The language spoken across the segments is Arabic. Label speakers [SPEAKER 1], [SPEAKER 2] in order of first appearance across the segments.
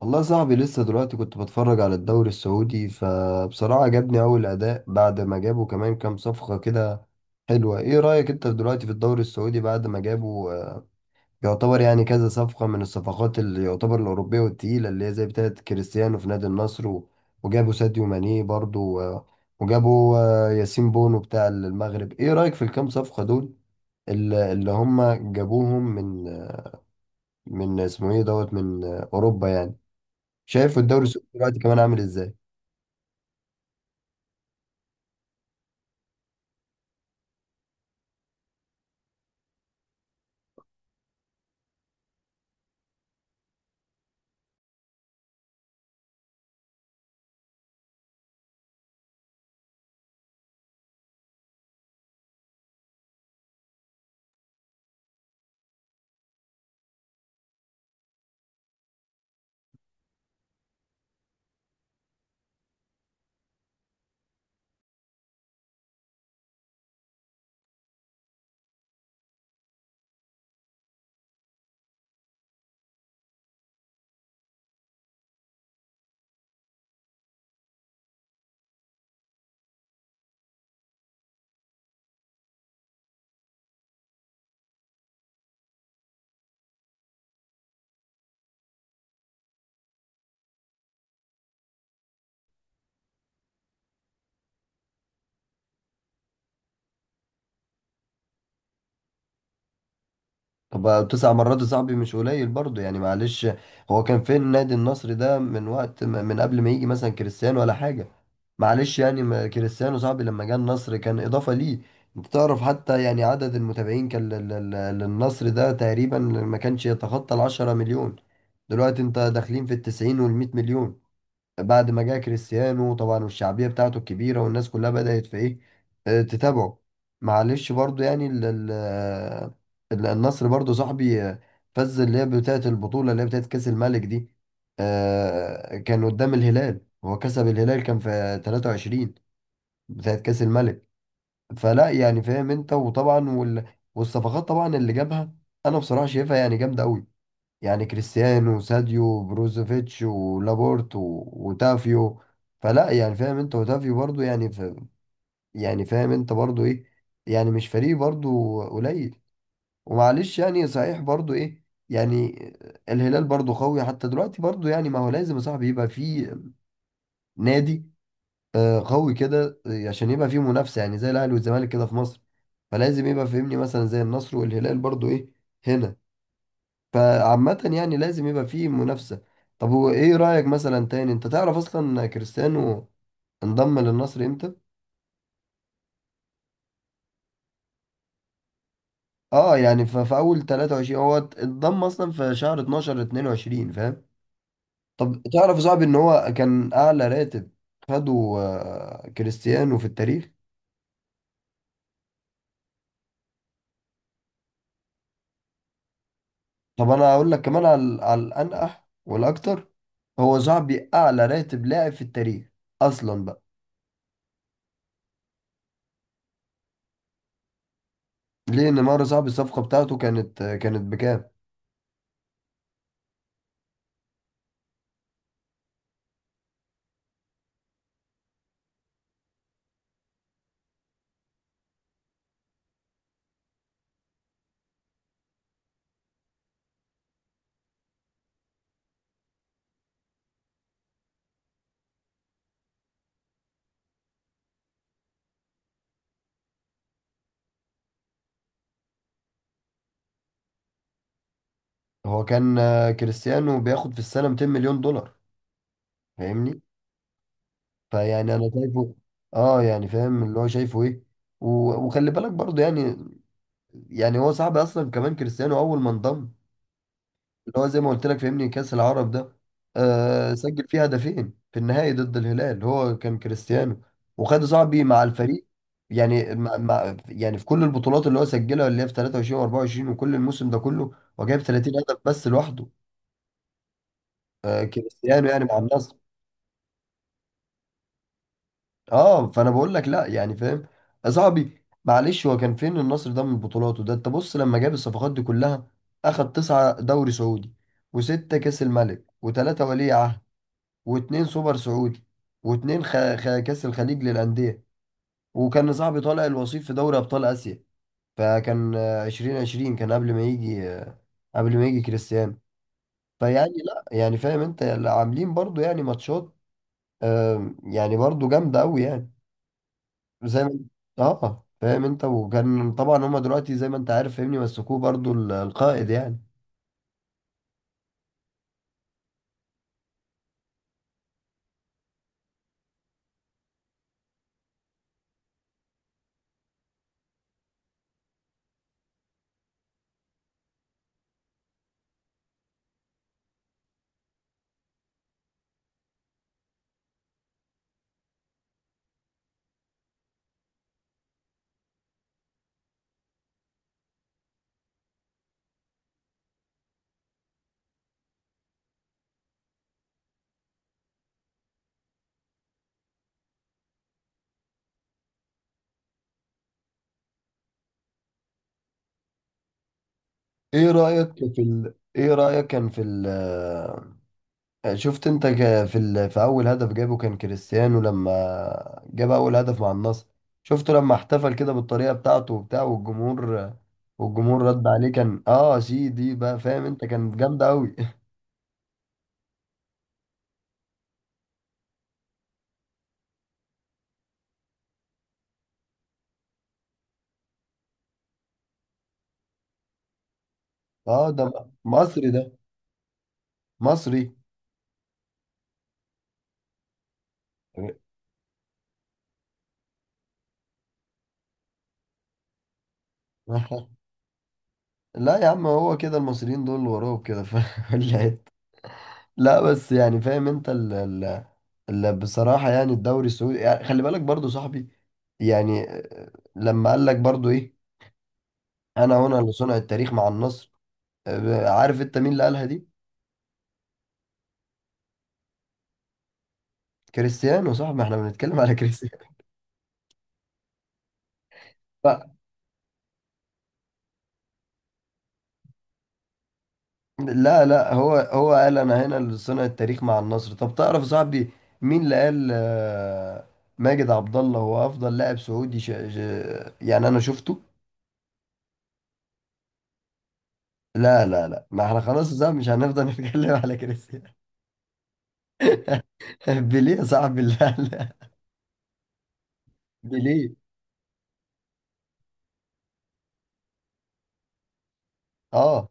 [SPEAKER 1] والله يا صاحبي لسه دلوقتي كنت بتفرج على الدوري السعودي فبصراحة عجبني أول أداء بعد ما جابوا كمان كام صفقة كده حلوة. إيه رأيك أنت دلوقتي في الدوري السعودي بعد ما جابوا، يعتبر يعني كذا صفقة من الصفقات اللي يعتبر الأوروبية والتقيلة اللي هي زي بتاعة كريستيانو في نادي النصر وجابوا ساديو ماني برضو، وجابوا ياسين بونو بتاع المغرب؟ إيه رأيك في الكام صفقة دول اللي هم جابوهم من اسمه إيه دوت من أوروبا يعني؟ شايف الدوري السعودي دلوقتي كمان عامل ازاي؟ طب بقى تسع مرات يا صاحبي مش قليل برضه يعني، معلش. هو كان فين النادي النصر ده من وقت ما- من قبل ما يجي مثلا كريستيانو ولا حاجة؟ معلش يعني، ما كريستيانو صاحبي لما جه النصر كان إضافة ليه. انت تعرف حتى يعني عدد المتابعين كان للنصر ده تقريبا ما كانش يتخطى العشرة مليون. دلوقتي انت داخلين في التسعين والمئة مليون بعد ما جه كريستيانو طبعا، والشعبية بتاعته الكبيرة والناس كلها بدأت في ايه، تتابعه. معلش برضو يعني النصر برضو صاحبي، فز اللي هي بتاعة البطولة اللي هي بتاعة كأس الملك دي. كان قدام الهلال، هو كسب الهلال كان في 23 بتاعة كأس الملك. فلا يعني فاهم انت، وطبعا وال... والصفقات طبعا اللي جابها انا بصراحة شايفها يعني جامدة قوي. يعني كريستيانو وساديو وبروزوفيتش ولابورت وتافيو، فلا يعني فاهم انت وتافيو برضو يعني ف... يعني فاهم انت برضو ايه، يعني مش فريق برضو قليل. ومعلش يعني صحيح برضو ايه، يعني الهلال برضو قوي حتى دلوقتي برضو يعني، ما هو لازم يا صاحبي يبقى فيه نادي قوي كده عشان يبقى فيه منافسة يعني زي الاهلي والزمالك كده في مصر. فلازم يبقى فهمني مثلا زي النصر والهلال برضو ايه هنا، فعامة يعني لازم يبقى فيه منافسة. طب هو ايه رأيك مثلا تاني، انت تعرف اصلا كريستيانو انضم للنصر امتى؟ اه يعني في اول 23 هو انضم اصلا في شهر 12 22، فاهم؟ طب تعرف صعب ان هو كان اعلى راتب خده كريستيانو في التاريخ. طب انا هقول لك كمان على الانقح والاكتر، هو صاحبي اعلى راتب لاعب في التاريخ اصلا بقى. ليه نيمار صاحبي الصفقة بتاعته كانت بكام؟ هو كان كريستيانو بياخد في السنة 200 مليون دولار، فاهمني. فيعني انا شايفه، اه يعني فاهم اللي هو شايفه ايه. وخلي بالك برضه يعني، يعني هو صاحبي اصلا كمان كريستيانو اول ما انضم اللي هو زي ما قلت لك فاهمني كأس العرب ده، آه سجل فيه هدفين في النهائي ضد الهلال هو كان كريستيانو. وخد صاحبي مع الفريق، يعني مع يعني في كل البطولات اللي هو سجلها اللي هي في 23 و24 وكل الموسم ده كله، هو جايب 30 هدف بس لوحده آه كريستيانو يعني مع النصر. اه فانا بقول لك لا يعني فاهم يا صاحبي، معلش هو كان فين النصر ده من بطولاته ده؟ انت بص لما جاب الصفقات دي كلها اخد تسعة دوري سعودي وستة كاس الملك وتلاتة ولي عهد واتنين سوبر سعودي واتنين كاس الخليج للأندية، وكان صاحبي طالع الوصيف في دوري أبطال آسيا، فكان 2020 كان قبل ما يجي قبل ما يجي كريستيانو. فيعني لا يعني فاهم انت عاملين برضو يعني ماتشات يعني برضو جامدة أوي يعني زي ما اه فاهم انت. وكان طبعا هما دلوقتي زي ما انت عارف فاهمني مسكوه برضو القائد يعني. ايه رأيك في ال... ايه رأيك كان في ال... شفت انت في ال... في اول هدف جابه كان كريستيانو لما جاب اول هدف مع النصر؟ شفته لما احتفل كده بالطريقة بتاعته وبتاع والجمهور، والجمهور رد عليه كان اه سي دي بقى فاهم انت، كانت جامدة قوي. اه ده مصري ده مصري لا يا عم، هو كده المصريين دول وراهم كده في كل حتة. لا بس يعني فاهم انت ال ال ال بصراحة يعني الدوري السعودي يعني خلي بالك برضو صاحبي، يعني لما قال لك برضو ايه انا هنا لصنع التاريخ مع النصر. عارف انت مين اللي قالها دي؟ كريستيانو صاحبي، ما احنا بنتكلم على كريستيانو. ف- لا لا، هو قال انا هنا لصنع التاريخ مع النصر. طب تعرف صاحبي مين اللي قال ماجد عبد الله هو افضل لاعب سعودي يعني انا شفته. لا لا لا، ما احنا خلاص صاحبي مش هنفضل نتكلم على كريستيانو. بيليه يا صاحبي لا لا، بيليه. اه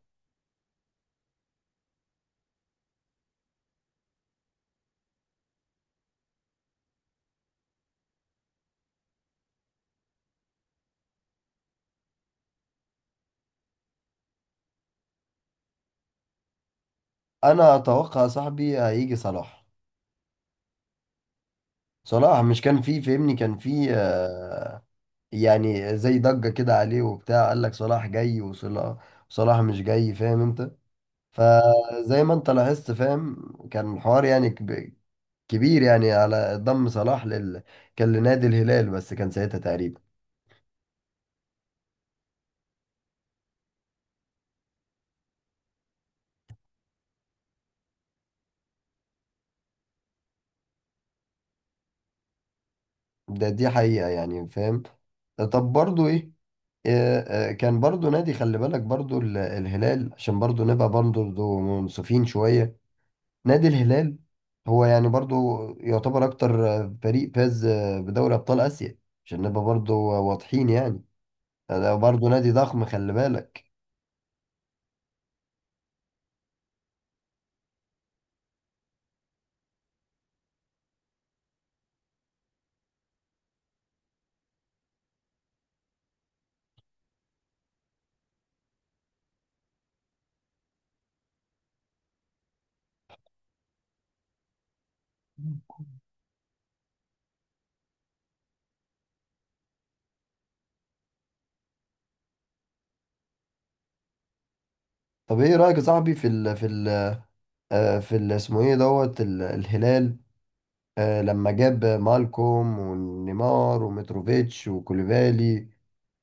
[SPEAKER 1] انا اتوقع صاحبي هيجي صلاح. صلاح مش كان فيه فهمني كان فيه آه، يعني زي ضجة كده عليه وبتاع، قال لك صلاح جاي وصلاح، صلاح مش جاي فاهم انت. فزي ما انت لاحظت فاهم كان الحوار يعني كبير يعني على ضم صلاح لل كان لنادي الهلال، بس كان ساعتها تقريبا. ده دي حقيقة يعني فاهم. طب برضو ايه، كان برضو نادي خلي بالك برضو الهلال عشان برضو نبقى برضو منصفين شوية، نادي الهلال هو يعني برضو يعتبر أكتر فريق فاز بدوري أبطال آسيا، عشان نبقى برضو واضحين يعني، ده برضو نادي ضخم خلي بالك. طب ايه رأيك يا صاحبي في ال في ال آه، في ال اسمه ايه دوت الهلال لما جاب مالكوم ونيمار وميتروفيتش وكوليفالي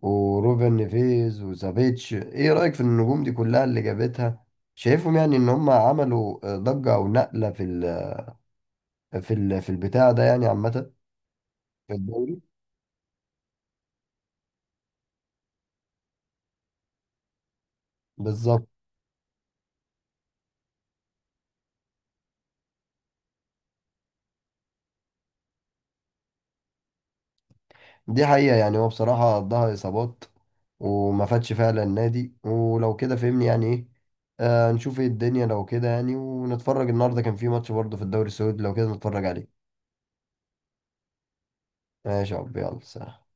[SPEAKER 1] وروبن نيفيز وسافيتش؟ ايه رأيك في النجوم دي كلها اللي جابتها؟ شايفهم يعني ان هم عملوا ضجة او نقلة في البتاع ده يعني عامة في الدوري؟ بالظبط، دي حقيقة يعني، هو بصراحة قضاها اصابات وما فادش فعلا النادي، ولو كده فهمني يعني ايه آه نشوف ايه الدنيا لو كده يعني، ونتفرج النهارده كان في ماتش برضه في الدوري السعودي لو كده نتفرج عليه. ماشي يا عبد، يلا سلام.